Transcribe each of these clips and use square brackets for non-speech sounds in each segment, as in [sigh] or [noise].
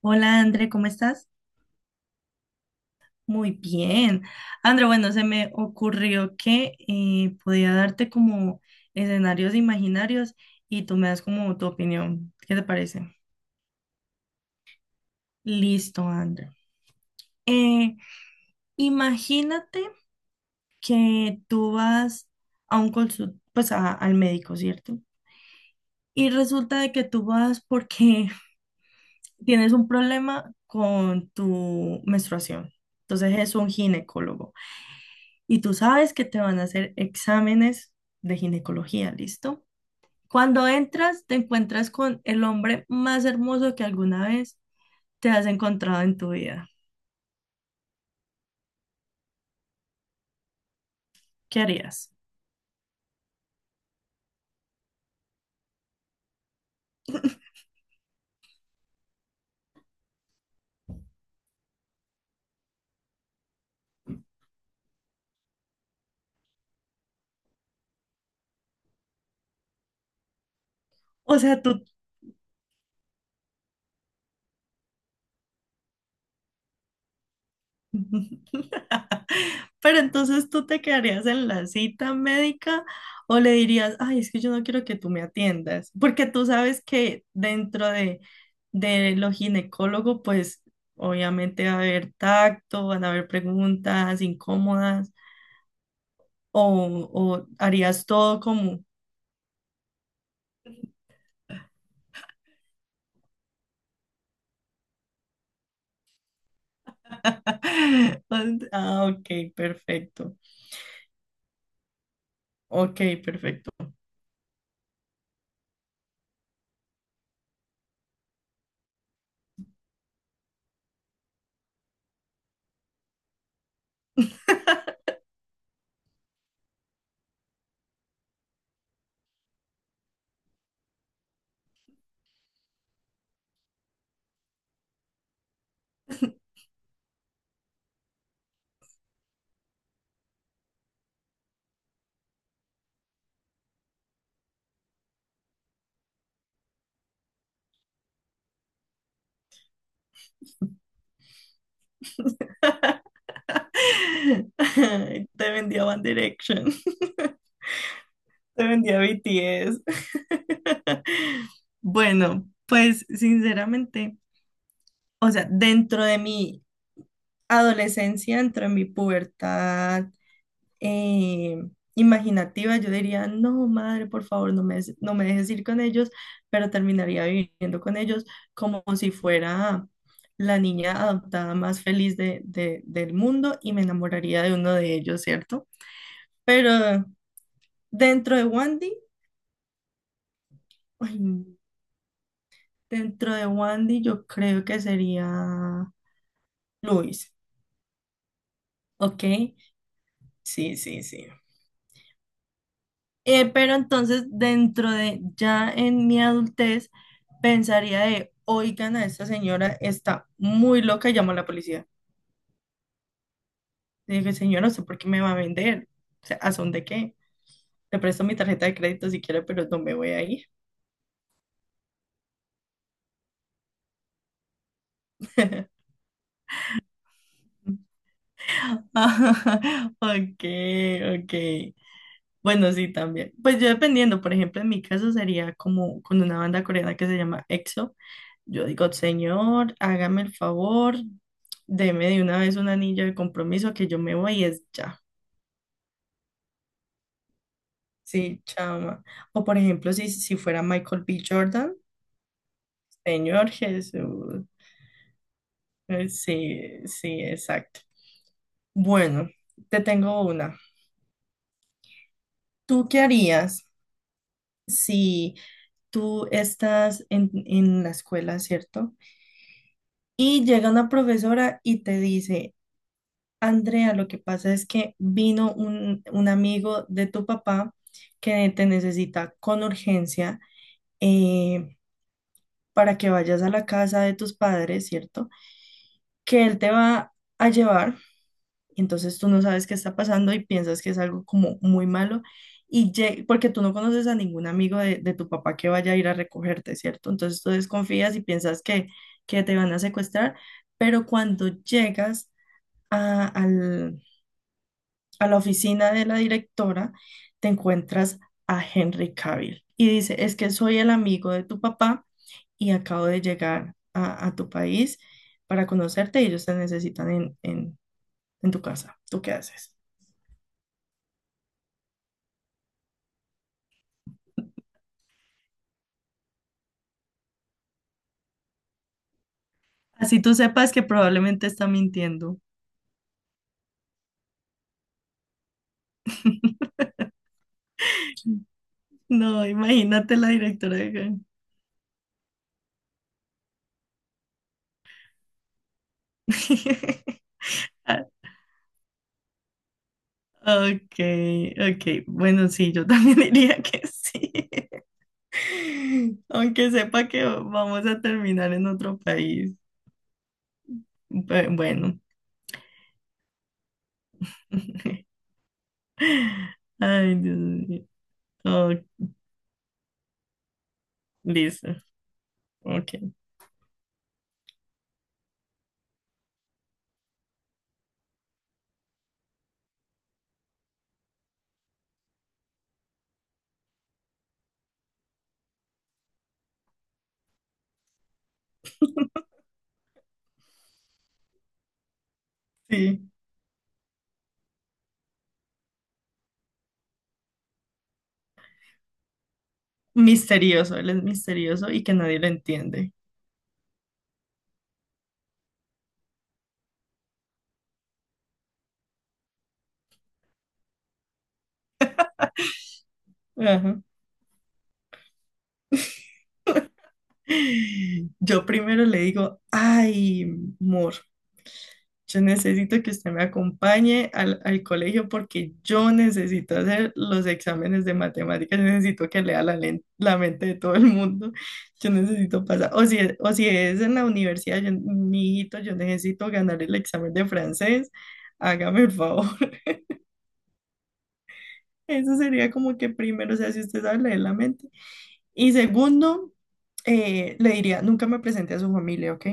Hola, André, ¿cómo estás? Muy bien. André, bueno, se me ocurrió que podía darte como escenarios imaginarios y tú me das como tu opinión. ¿Qué te parece? Listo, André. Eh, imagínate que tú vas a un consultorio, pues al médico, ¿cierto? Y resulta de que tú vas porque [laughs] tienes un problema con tu menstruación. Entonces es un ginecólogo. Y tú sabes que te van a hacer exámenes de ginecología, ¿listo? Cuando entras, te encuentras con el hombre más hermoso que alguna vez te has encontrado en tu vida. ¿Qué harías? O sea, tú, [laughs] pero entonces tú te quedarías en la cita médica o le dirías, ay, es que yo no quiero que tú me atiendas, porque tú sabes que dentro de lo ginecólogo, pues obviamente va a haber tacto, van a haber preguntas incómodas. O harías todo como... [laughs] Ah, ok, perfecto. Ok, perfecto. [laughs] Te vendía One Direction, [laughs] te vendía BTS. [laughs] Bueno, pues sinceramente, o sea, dentro de mi adolescencia, dentro de mi pubertad eh, imaginativa, yo diría, no, madre, por favor, no me, no me dejes ir con ellos, pero terminaría viviendo con ellos como si fuera la niña adoptada más feliz de, del mundo y me enamoraría de uno de ellos, ¿cierto? Pero dentro de Wandy, ay, dentro de Wandy yo creo que sería Luis, ¿ok? Sí, sí, sí. Pero entonces, dentro de ya en mi adultez, pensaría de, oigan, a esta señora está muy loca y llamo a la policía. Le dije, señora, ¿usted por qué me va a vender? O sea, ¿a son de qué? Te presto mi tarjeta de crédito si quiere, pero no me voy a ir. [laughs] Ok, ok. Bueno, sí, también. Pues yo dependiendo, por ejemplo, en mi caso sería como con una banda coreana que se llama EXO. Yo digo, señor, hágame el favor, deme de una vez un anillo de compromiso que yo me voy y es ya. Sí, chama. O por ejemplo, si fuera Michael B. Jordan, señor Jesús. Sí, sí, exacto. Bueno, te tengo una. ¿Tú qué harías si tú estás en la escuela, ¿cierto? Y llega una profesora y te dice, Andrea, lo que pasa es que vino un amigo de tu papá que te necesita con urgencia eh, para que vayas a la casa de tus padres, ¿cierto? Que él te va a llevar, entonces tú no sabes qué está pasando y piensas que es algo como muy malo, y porque tú no conoces a ningún amigo de tu papá que vaya a ir a recogerte, ¿cierto? Entonces tú desconfías y piensas que te van a secuestrar, pero cuando llegas a, al- a la oficina de la directora, te encuentras a Henry Cavill y dice, es que soy el amigo de tu papá y acabo de llegar a tu país para conocerte y ellos te necesitan en tu casa. ¿Tú qué haces? Así tú sepas que probablemente está mintiendo. [laughs] No, imagínate la directora de... [laughs] Ah, ok, ok. Bueno, sí, yo también [laughs] diría que sí. [laughs] Aunque sepa que vamos a terminar en otro país. Bueno. [laughs] Ay, Dios mío. Oh, listo. Ok. Sí. Misterioso, él es misterioso y que nadie lo entiende. Ajá. Yo primero le digo, ay, amor. Yo necesito que usted me acompañe al colegio porque yo necesito hacer los exámenes de matemáticas, yo necesito que lea la mente de todo el mundo, yo necesito pasar, o si es en la universidad, yo, mi hijito, yo necesito ganar el examen de francés, hágame el favor. [laughs] Eso sería como que primero, o sea, si usted sabe leer la mente. Y segundo, le diría, nunca me presente a su familia, ¿ok?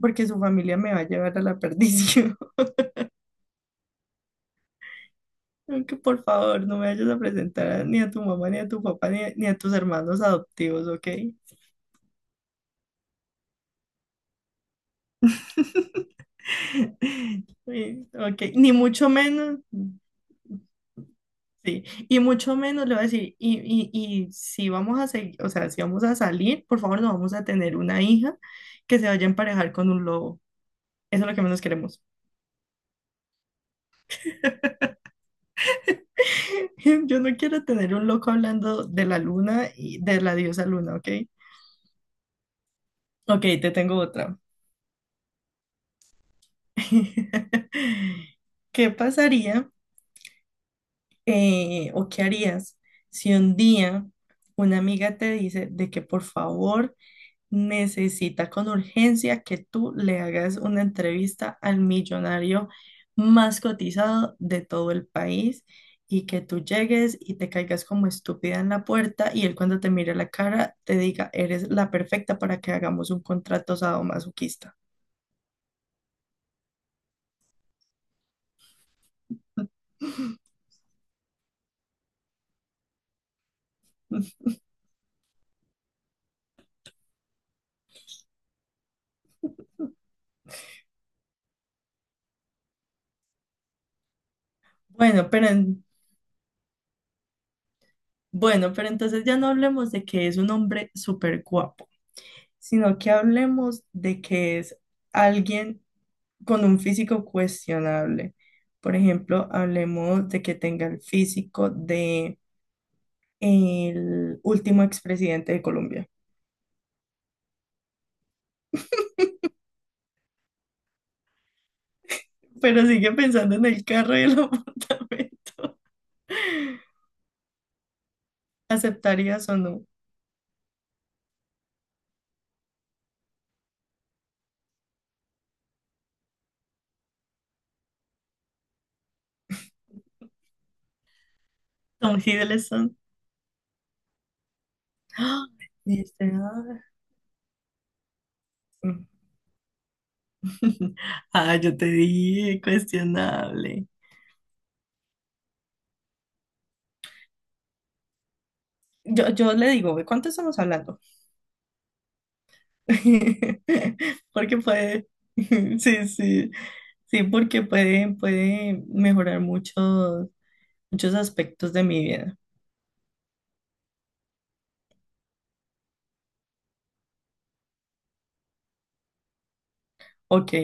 Porque su familia me va a llevar a la [laughs] perdición. Creo que por favor no me vayas a presentar ni a tu mamá, ni a tu papá, ni a tus hermanos adoptivos, ¿ok? [laughs] Sí, ok, ni mucho menos, sí, y mucho menos le voy a decir, y si vamos a seguir, o sea, si vamos a salir, por favor no vamos a tener una hija que se vaya a emparejar con un lobo. Eso es lo que menos queremos. [laughs] Yo no quiero tener un loco hablando de la luna y de la diosa luna, ¿ok? Ok, te tengo otra. [laughs] ¿Qué pasaría? Eh, o qué harías si un día una amiga te dice de que por favor necesita con urgencia que tú le hagas una entrevista al millonario más cotizado de todo el país y que tú llegues y te caigas como estúpida en la puerta y él cuando te mire la cara te diga, ¿eres la perfecta para que hagamos un contrato sadomasoquista? [laughs] Bueno, pero bueno, pero entonces ya no hablemos de que es un hombre súper guapo sino que hablemos de que es alguien con un físico cuestionable. Por ejemplo, hablemos de que tenga el físico de el último expresidente de Colombia, pero sigue pensando en el carro y el [laughs] apartamento. ¿Aceptarías o no? Tom Hiddleston. ¡Ah! Dice, ah, [laughs] ah, yo te dije, cuestionable. Yo le digo, ¿de cuánto estamos hablando? [laughs] Porque puede, [laughs] sí, sí, sí, porque puede, puede mejorar muchos, muchos aspectos de mi vida. Ok,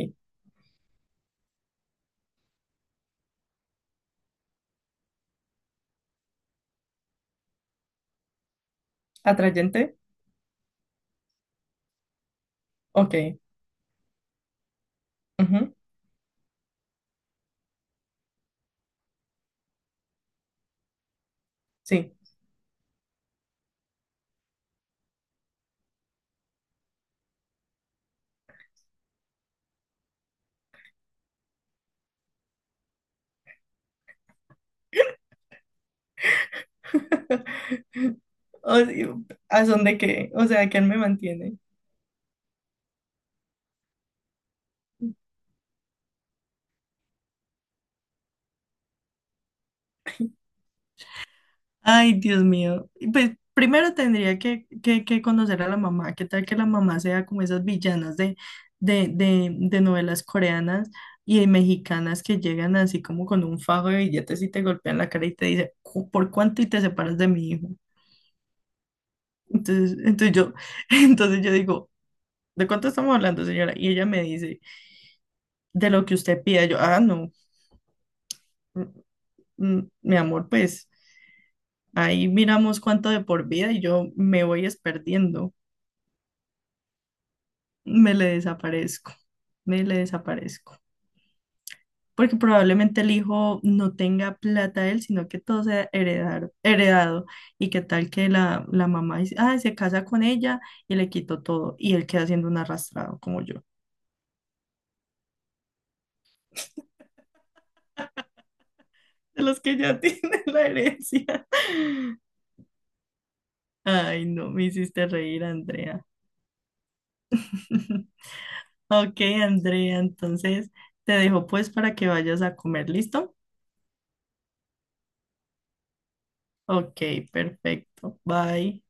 atrayente, ok, ujú, sí. [laughs] O- ¿A son de qué? O sea, ¿quién me mantiene? Ay, Dios mío. Y pues primero tendría que, que conocer a la mamá. ¿Qué tal que la mamá sea como esas villanas de novelas coreanas y mexicanas que llegan así como con un fajo de billetes y te golpean la cara y te dice, "Cu- ¿por cuánto y te separas de mi hijo?" Entonces, entonces yo, [laughs] entonces yo digo, ¿de cuánto estamos hablando, señora? Y ella me dice, de lo que usted pida. Yo, ah, no, mm, mi amor, pues ahí miramos cuánto de por vida y yo me voy es perdiendo. Me le desaparezco, me le desaparezco. Porque probablemente el hijo no tenga plata él, sino que todo sea heredar, heredado. Y qué tal que la mamá dice, ah, se casa con ella y le quito todo. Y él queda siendo un arrastrado como yo, de los que ya [laughs] tienen la herencia. Ay, no, me hiciste reír, Andrea. [laughs] Ok, Andrea, entonces te dejo pues para que vayas a comer, ¿listo? Ok, perfecto. Bye.